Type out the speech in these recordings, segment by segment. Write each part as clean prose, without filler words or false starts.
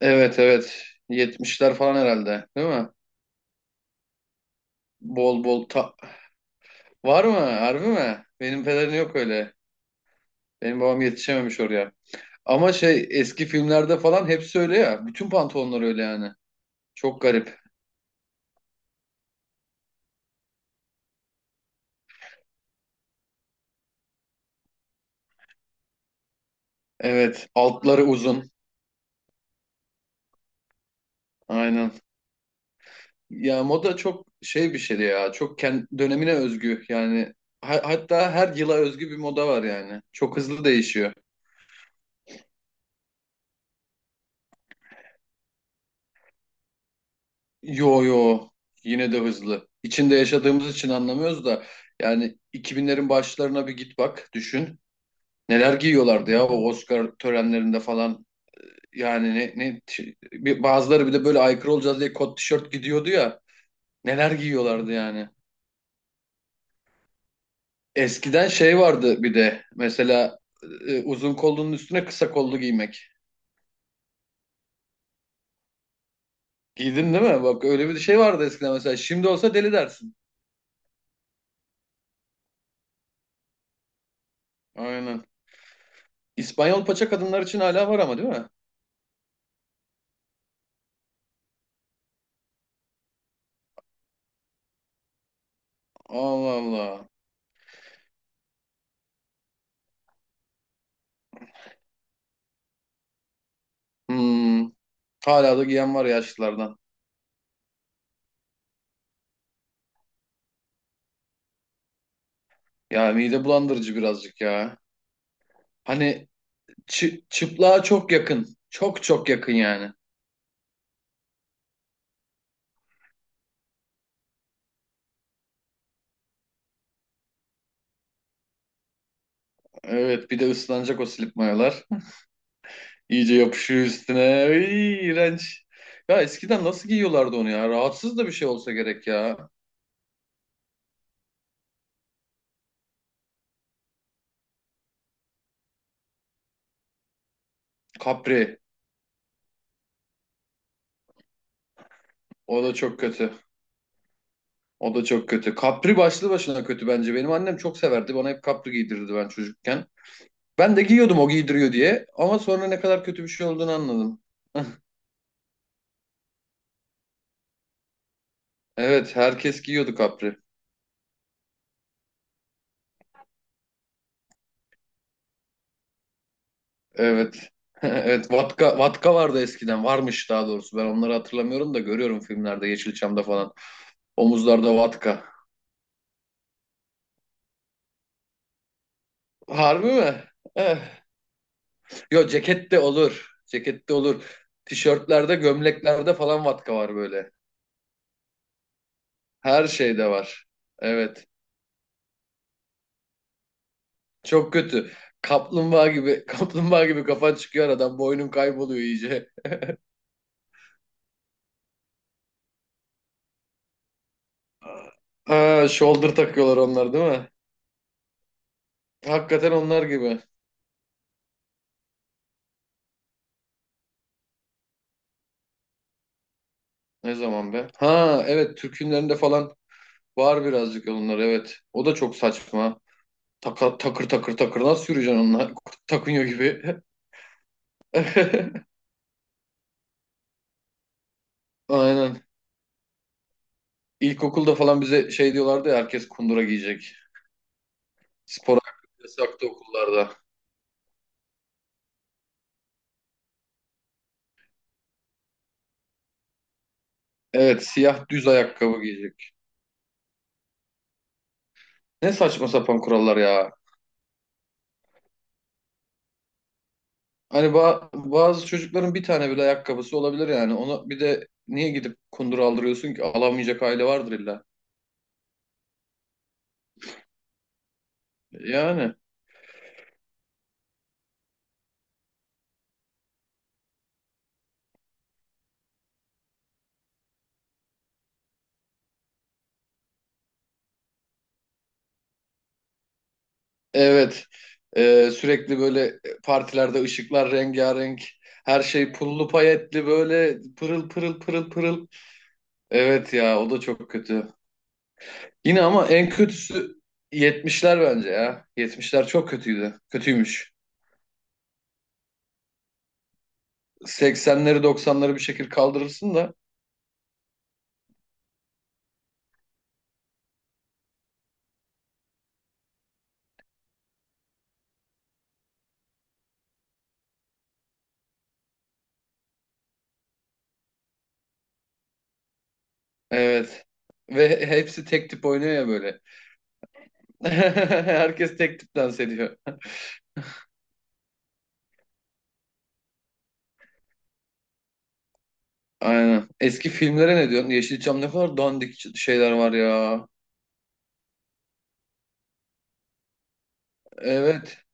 Evet, evet. 70'ler falan herhalde, değil mi? Bol bol var mı? Harbi mi? Benim pederin yok öyle. Benim babam yetişememiş oraya. Ama şey eski filmlerde falan hepsi öyle ya. Bütün pantolonlar öyle yani. Çok garip. Evet, altları uzun. Aynen. Ya moda çok şey bir şeydi ya. Çok kendi dönemine özgü yani. Hatta her yıla özgü bir moda var yani. Çok hızlı değişiyor. Yo, yo, yine de hızlı. İçinde yaşadığımız için anlamıyoruz da yani 2000'lerin başlarına bir git bak düşün. Neler giyiyorlardı ya o Oscar törenlerinde falan. Yani ne bazıları bir de böyle aykırı olacağız diye kot tişört gidiyordu ya. Neler giyiyorlardı yani. Eskiden şey vardı bir de mesela uzun kollunun üstüne kısa kollu giymek. Giydin değil mi? Bak öyle bir şey vardı eskiden mesela. Şimdi olsa deli dersin. Aynen. İspanyol paça kadınlar için hala var ama değil mi? Allah Allah. Hmm, hala da giyen var yaşlılardan. Ya mide bulandırıcı birazcık ya. Hani çıplığa çok yakın. Çok çok yakın yani. Evet, bir de ıslanacak o slip mayolar. İyice yapışıyor üstüne. İğrenç. Ya eskiden nasıl giyiyorlardı onu ya? Rahatsız da bir şey olsa gerek ya. Capri. O da çok kötü. O da çok kötü. Capri başlı başına kötü bence. Benim annem çok severdi. Bana hep capri giydirirdi ben çocukken. Ben de giyiyordum o giydiriyor diye. Ama sonra ne kadar kötü bir şey olduğunu anladım. Evet, herkes giyiyordu kapri. Evet. Evet, vatka vatka vardı eskiden, varmış daha doğrusu, ben onları hatırlamıyorum da görüyorum filmlerde Yeşilçam'da falan, omuzlarda vatka. Harbi mi? Eh. Yo, ceket de olur, ceket de olur. Tişörtlerde, gömleklerde falan vatka var böyle, her şeyde var, evet, çok kötü. Kaplumbağa gibi kaplumbağa gibi kafan çıkıyor aradan, boynun kayboluyor iyice. Ha, shoulder takıyorlar, onlar değil mi? Hakikaten onlar gibi. Ne zaman be? Ha, evet, Türk filmlerinde falan var birazcık onlar, evet. O da çok saçma. Takır takır takır, nasıl yürüyeceksin onunla? Takınıyor gibi. Aynen. İlkokulda falan bize şey diyorlardı ya, herkes kundura giyecek. Spor ayakkabı yasaktı okullarda. Evet, siyah düz ayakkabı giyecek. Ne saçma sapan kurallar ya. Hani bazı çocukların bir tane bile ayakkabısı olabilir yani. Ona bir de niye gidip kundura aldırıyorsun ki? Alamayacak aile vardır illa. Yani. Evet. Sürekli böyle partilerde ışıklar rengarenk. Her şey pullu payetli, böyle pırıl pırıl pırıl pırıl. Evet ya, o da çok kötü. Yine ama en kötüsü yetmişler bence ya. Yetmişler çok kötüydü. Kötüymüş. 80'leri, 90'ları bir şekilde kaldırırsın da evet. Ve hepsi tek tip oynuyor ya böyle. Herkes tek tip dans ediyor. Aynen. Eski filmlere ne diyorsun? Yeşilçam ne kadar dandik şeyler var ya. Evet.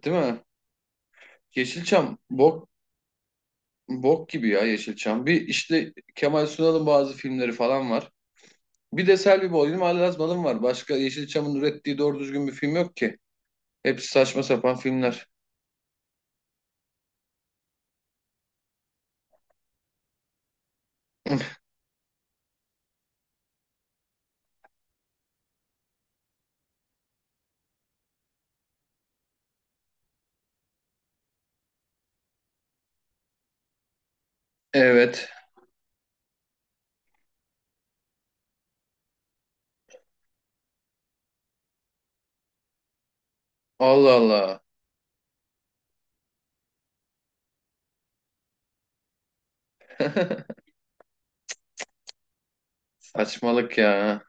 Evet, değil mi? Yeşilçam bok, bok gibi ya Yeşilçam. Bir, işte Kemal Sunal'ın bazı filmleri falan var. Bir de Selvi Boylum, Ali Razmalım var. Başka Yeşilçam'ın ürettiği doğru düzgün bir film yok ki. Hepsi saçma sapan filmler. Evet. Allah Allah. Saçmalık ya.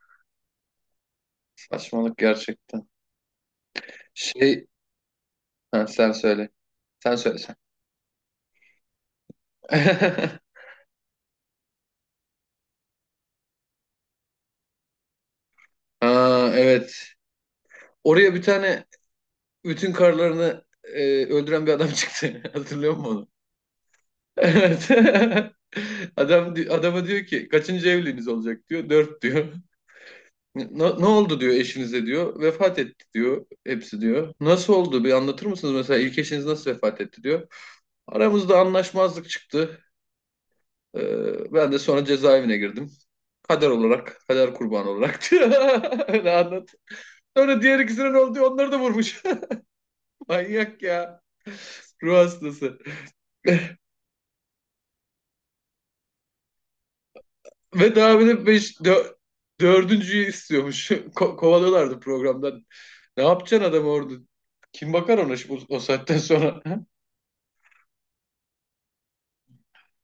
Saçmalık gerçekten. Şey, ha, sen söyle. Sen söyle sen. Ha, evet. Oraya bir tane bütün karlarını öldüren bir adam çıktı. Hatırlıyor musun? Evet. Adam adama diyor ki, kaçıncı evliliğiniz olacak diyor. Dört diyor. Ne, no, ne oldu diyor eşinize diyor. Vefat etti diyor. Hepsi diyor. Nasıl oldu, bir anlatır mısınız, mesela ilk eşiniz nasıl vefat etti diyor. Aramızda anlaşmazlık çıktı. Ben de sonra cezaevine girdim. Kader olarak, kader kurbanı olarak diyor. Öyle anlat. Sonra diğer ikisine ne oldu diyor. Onları da vurmuş. Manyak ya. Ruh hastası. Ve daha bir de dördüncüyü istiyormuş. Kovalıyorlardı programdan. Ne yapacaksın adam orada? Kim bakar ona o saatten sonra?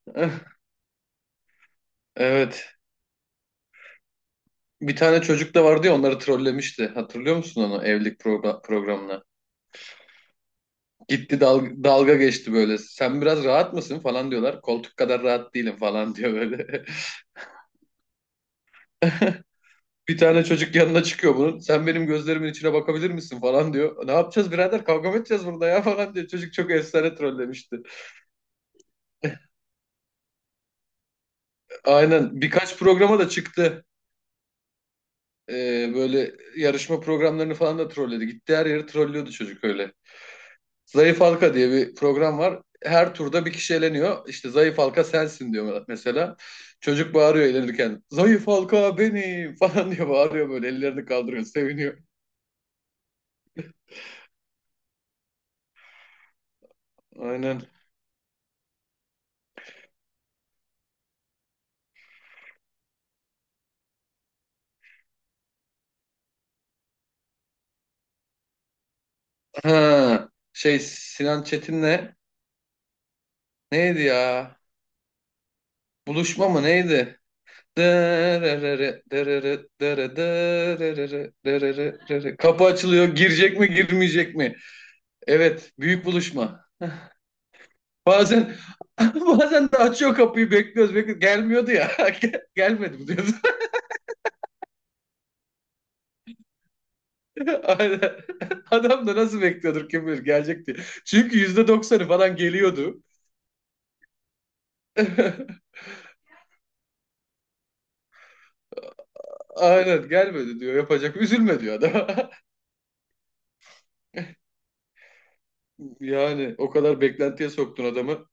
Evet. Bir tane çocuk da vardı ya, onları trollemişti. Hatırlıyor musun onu, evlilik programına? Gitti dalga geçti böyle. Sen biraz rahat mısın falan diyorlar. Koltuk kadar rahat değilim falan diyor böyle. Bir tane çocuk yanına çıkıyor bunun. Sen benim gözlerimin içine bakabilir misin falan diyor. Ne yapacağız birader? Kavga mı edeceğiz burada ya falan diyor. Çocuk çok efsane trollemişti. Aynen. Birkaç programa da çıktı. Böyle yarışma programlarını falan da trolledi. Gitti her yeri trollüyordu çocuk öyle. Zayıf Halka diye bir program var. Her turda bir kişi eleniyor. İşte zayıf halka sensin diyor mesela. Çocuk bağırıyor elenirken. Zayıf halka benim falan diye bağırıyor böyle. Ellerini kaldırıyor, seviniyor. Aynen. Ha, şey, Sinan Çetin'le neydi ya? Buluşma mı neydi? Dırırırı, dırırı, dırı, dırırırı, dırırı, dırı. Kapı açılıyor. Girecek mi, girmeyecek mi? Evet, büyük buluşma. Bazen bazen de açıyor kapıyı, bekliyoruz bekliyoruz. Gelmiyordu ya. Gelmedi mi diyoruz. Aynen. Adam da nasıl bekliyordur kim bilir, gelecek diye. Çünkü %90'ı falan geliyordu. Aynen, gelmedi diyor. Yapacak. Üzülme diyor adam. Yani o kadar beklentiye soktun adamı.